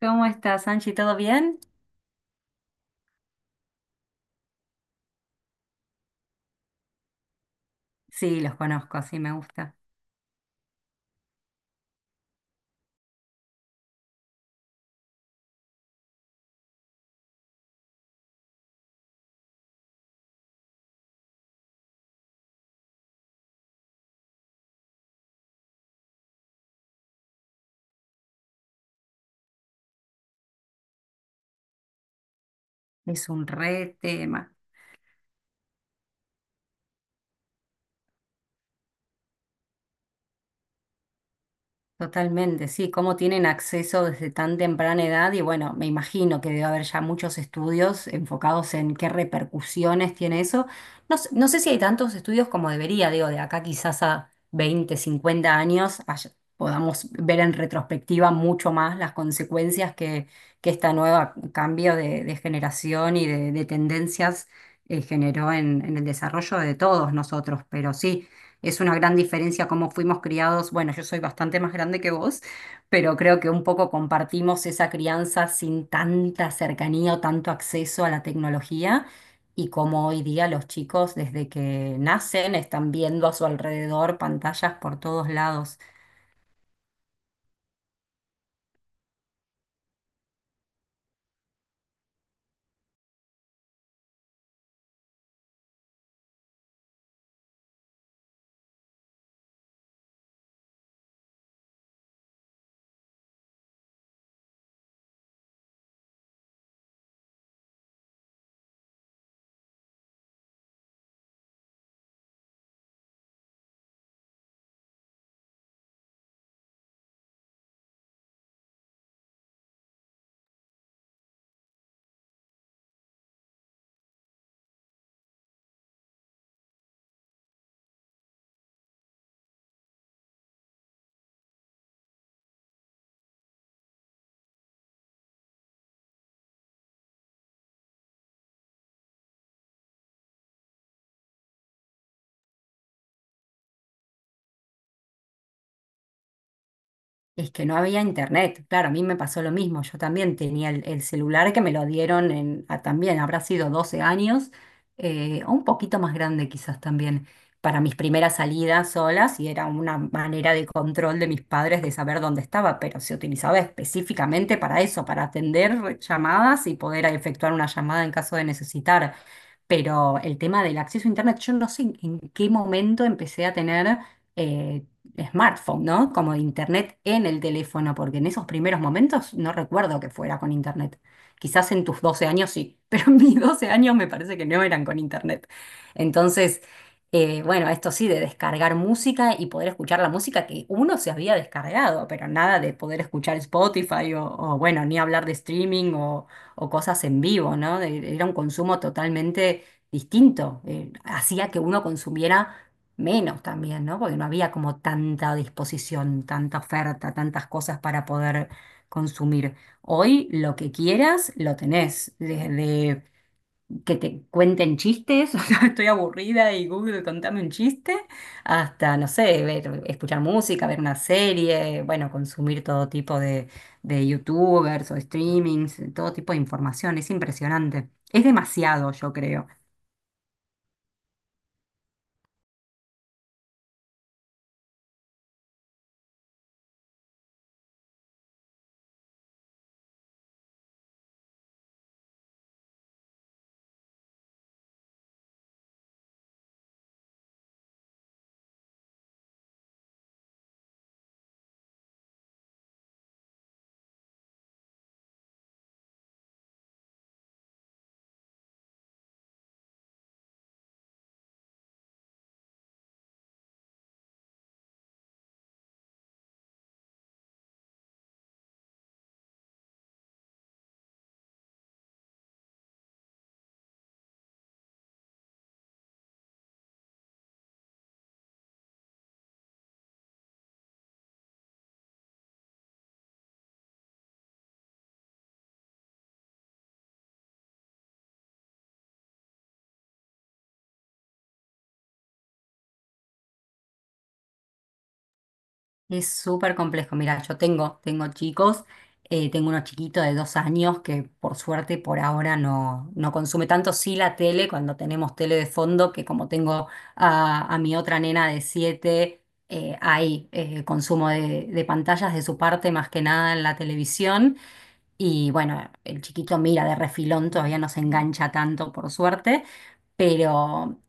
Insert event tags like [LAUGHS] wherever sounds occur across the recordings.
¿Cómo estás, Angie? ¿Todo bien? Sí, los conozco, sí me gusta. Es un re tema. Totalmente, sí, cómo tienen acceso desde tan temprana edad y bueno, me imagino que debe haber ya muchos estudios enfocados en qué repercusiones tiene eso. No sé, no sé si hay tantos estudios como debería, digo, de acá quizás a 20, 50 años podamos ver en retrospectiva mucho más las consecuencias que esta nueva cambio de generación y de tendencias generó en el desarrollo de todos nosotros, pero sí. Es una gran diferencia cómo fuimos criados. Bueno, yo soy bastante más grande que vos, pero creo que un poco compartimos esa crianza sin tanta cercanía o tanto acceso a la tecnología. Y como hoy día los chicos, desde que nacen, están viendo a su alrededor pantallas por todos lados. Es que no había internet. Claro, a mí me pasó lo mismo. Yo también tenía el celular que me lo dieron también, habrá sido 12 años, o un poquito más grande quizás también, para mis primeras salidas solas y era una manera de control de mis padres de saber dónde estaba, pero se utilizaba específicamente para eso, para atender llamadas y poder efectuar una llamada en caso de necesitar. Pero el tema del acceso a Internet, yo no sé en qué momento empecé a tener eh, smartphone, ¿no? Como Internet en el teléfono, porque en esos primeros momentos no recuerdo que fuera con Internet. Quizás en tus 12 años sí, [LAUGHS] pero en mis 12 años me parece que no eran con Internet. Entonces, bueno, esto sí, de descargar música y poder escuchar la música que uno se había descargado, pero nada de poder escuchar Spotify bueno, ni hablar de streaming o cosas en vivo, ¿no? Era un consumo totalmente distinto. Hacía que uno consumiera menos también, ¿no? Porque no había como tanta disposición, tanta oferta, tantas cosas para poder consumir. Hoy lo que quieras, lo tenés. Desde que te cuenten chistes, [LAUGHS] o sea, estoy aburrida y Google, contame un chiste, hasta, no sé, ver, escuchar música, ver una serie, bueno, consumir todo tipo de YouTubers o streamings, todo tipo de información, es impresionante. Es demasiado, yo creo. Es súper complejo. Mira, yo tengo chicos, tengo uno chiquito de 2 años que por suerte por ahora no consume tanto, sí la tele, cuando tenemos tele de fondo, que como tengo a mi otra nena de 7, hay consumo de pantallas de su parte más que nada en la televisión. Y bueno, el chiquito mira de refilón, todavía no se engancha tanto por suerte, pero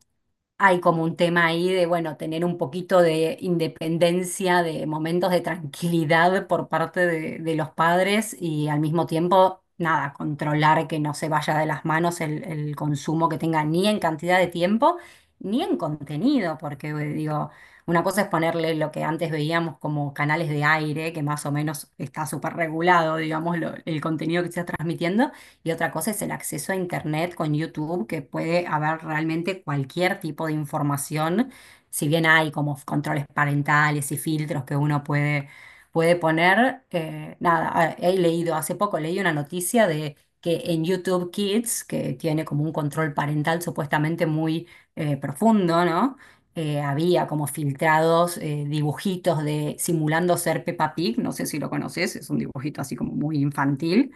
hay como un tema ahí de, bueno, tener un poquito de independencia, de momentos de tranquilidad por parte de los padres y al mismo tiempo, nada, controlar que no se vaya de las manos el consumo que tenga ni en cantidad de tiempo ni en contenido, porque digo, una cosa es ponerle lo que antes veíamos como canales de aire, que más o menos está súper regulado, digamos, el contenido que se está transmitiendo y otra cosa es el acceso a Internet con YouTube, que puede haber realmente cualquier tipo de información, si bien hay como f- controles parentales y filtros que uno puede poner, nada, he leído hace poco, leí una noticia de que en YouTube Kids, que tiene como un control parental supuestamente muy profundo, ¿no? Había como filtrados dibujitos de simulando ser Peppa Pig, no sé si lo conoces, es un dibujito así como muy infantil,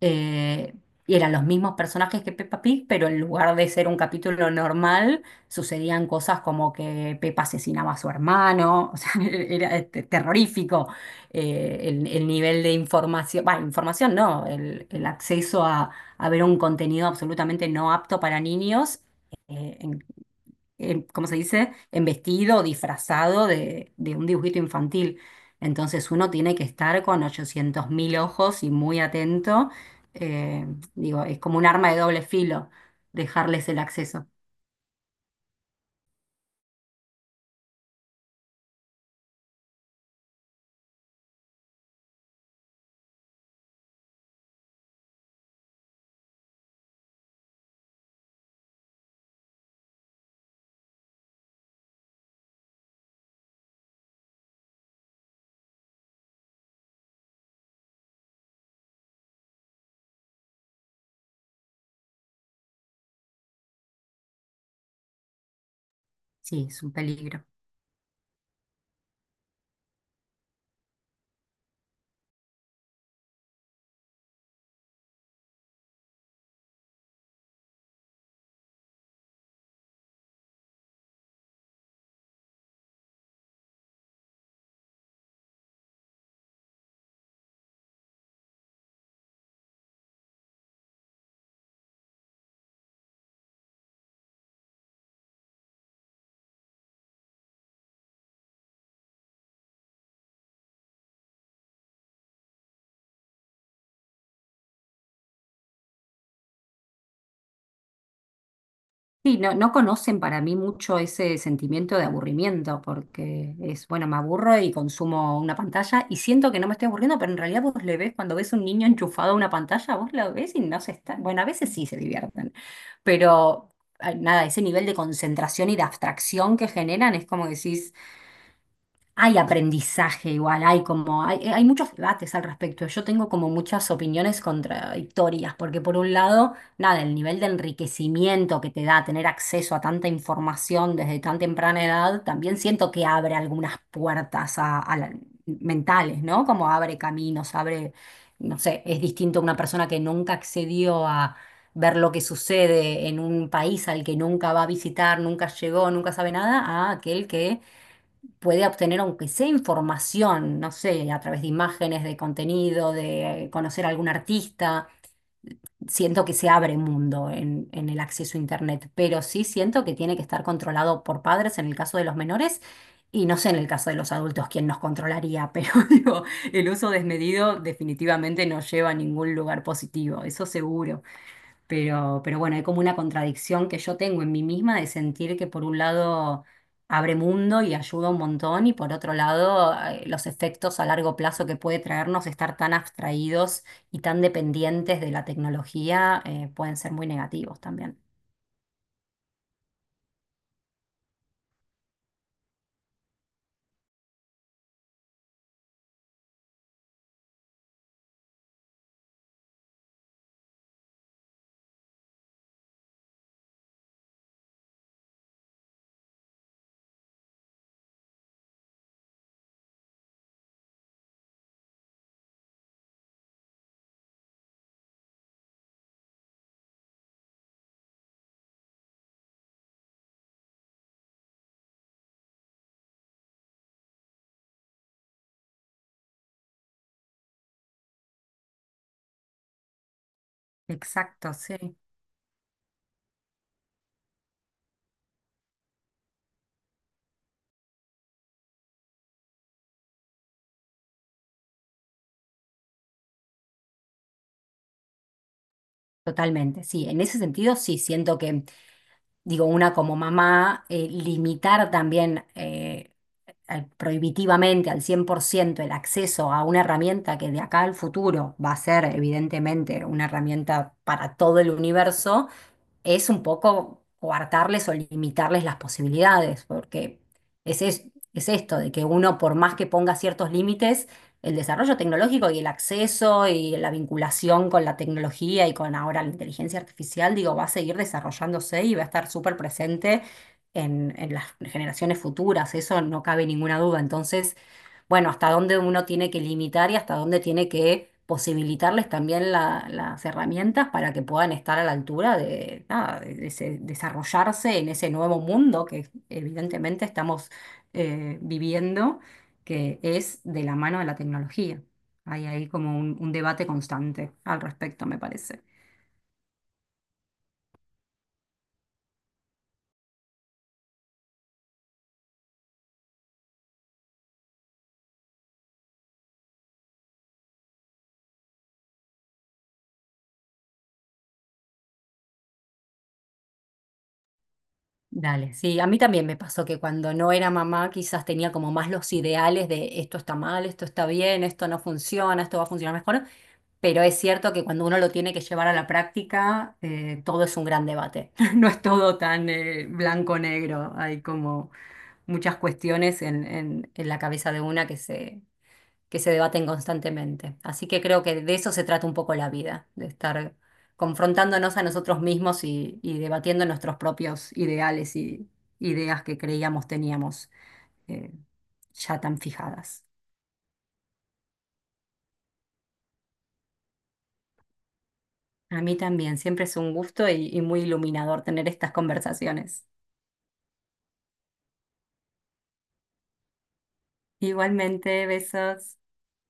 eh, y eran los mismos personajes que Peppa Pig, pero en lugar de ser un capítulo normal, sucedían cosas como que Peppa asesinaba a su hermano, [LAUGHS] o sea, era terrorífico el nivel de información, bah, información no, el acceso a ver un contenido absolutamente no apto para niños. En ¿Cómo se dice? En vestido, o disfrazado de un dibujito infantil. Entonces uno tiene que estar con 800.000 ojos y muy atento. Eh, Digo, es como un arma de doble filo dejarles el acceso. Sí, es un peligro. Sí, no, no conocen para mí mucho ese sentimiento de aburrimiento, porque es, bueno, me aburro y consumo una pantalla y siento que no me estoy aburriendo, pero en realidad vos le ves, cuando ves un niño enchufado a una pantalla, vos lo ves y no se está, bueno, a veces sí se divierten, pero nada, ese nivel de concentración y de abstracción que generan es como que decís, hay aprendizaje igual, hay como, hay muchos debates al respecto. Yo tengo como muchas opiniones contradictorias, porque por un lado, nada, el nivel de enriquecimiento que te da tener acceso a tanta información desde tan temprana edad, también siento que abre algunas puertas a mentales, ¿no? Como abre caminos, abre, no sé, es distinto a una persona que nunca accedió a ver lo que sucede en un país al que nunca va a visitar, nunca llegó, nunca sabe nada, a aquel que puede obtener, aunque sea información, no sé, a través de imágenes, de contenido, de conocer a algún artista. Siento que se abre mundo en el acceso a Internet, pero sí siento que tiene que estar controlado por padres en el caso de los menores. Y no sé en el caso de los adultos quién nos controlaría, [LAUGHS] pero digo, el uso desmedido definitivamente no lleva a ningún lugar positivo, eso seguro. Pero bueno, hay como una contradicción que yo tengo en mí misma de sentir que por un lado abre mundo y ayuda un montón y por otro lado los efectos a largo plazo que puede traernos estar tan abstraídos y tan dependientes de la tecnología pueden ser muy negativos también. Exacto, sí. Totalmente, sí. En ese sentido, sí, siento que, digo, una como mamá, limitar también. Prohibitivamente al 100% el acceso a una herramienta que de acá al futuro va a ser evidentemente una herramienta para todo el universo, es un poco coartarles o limitarles las posibilidades, porque es, es, es esto, de que uno, por más que ponga ciertos límites, el desarrollo tecnológico y el acceso y la vinculación con la tecnología y con ahora la inteligencia artificial, digo, va a seguir desarrollándose y va a estar súper presente en las generaciones futuras, eso no cabe ninguna duda. Entonces, bueno, hasta dónde uno tiene que limitar y hasta dónde tiene que posibilitarles también las herramientas para que puedan estar a la altura de, nada, desarrollarse en ese nuevo mundo que evidentemente estamos viviendo, que es de la mano de la tecnología. Hay ahí como un debate constante al respecto, me parece. Dale, sí, a mí también me pasó que cuando no era mamá quizás tenía como más los ideales de esto está mal, esto está bien, esto no funciona, esto va a funcionar mejor. Pero es cierto que cuando uno lo tiene que llevar a la práctica, todo es un gran debate. [LAUGHS] No es todo tan blanco-negro. Hay como muchas cuestiones en la cabeza de una que se debaten constantemente. Así que creo que de eso se trata un poco la vida, de estar confrontándonos a nosotros mismos y debatiendo nuestros propios ideales y ideas que creíamos teníamos eh, ya tan fijadas. A mí también, siempre es un gusto y muy iluminador tener estas conversaciones. Igualmente, besos.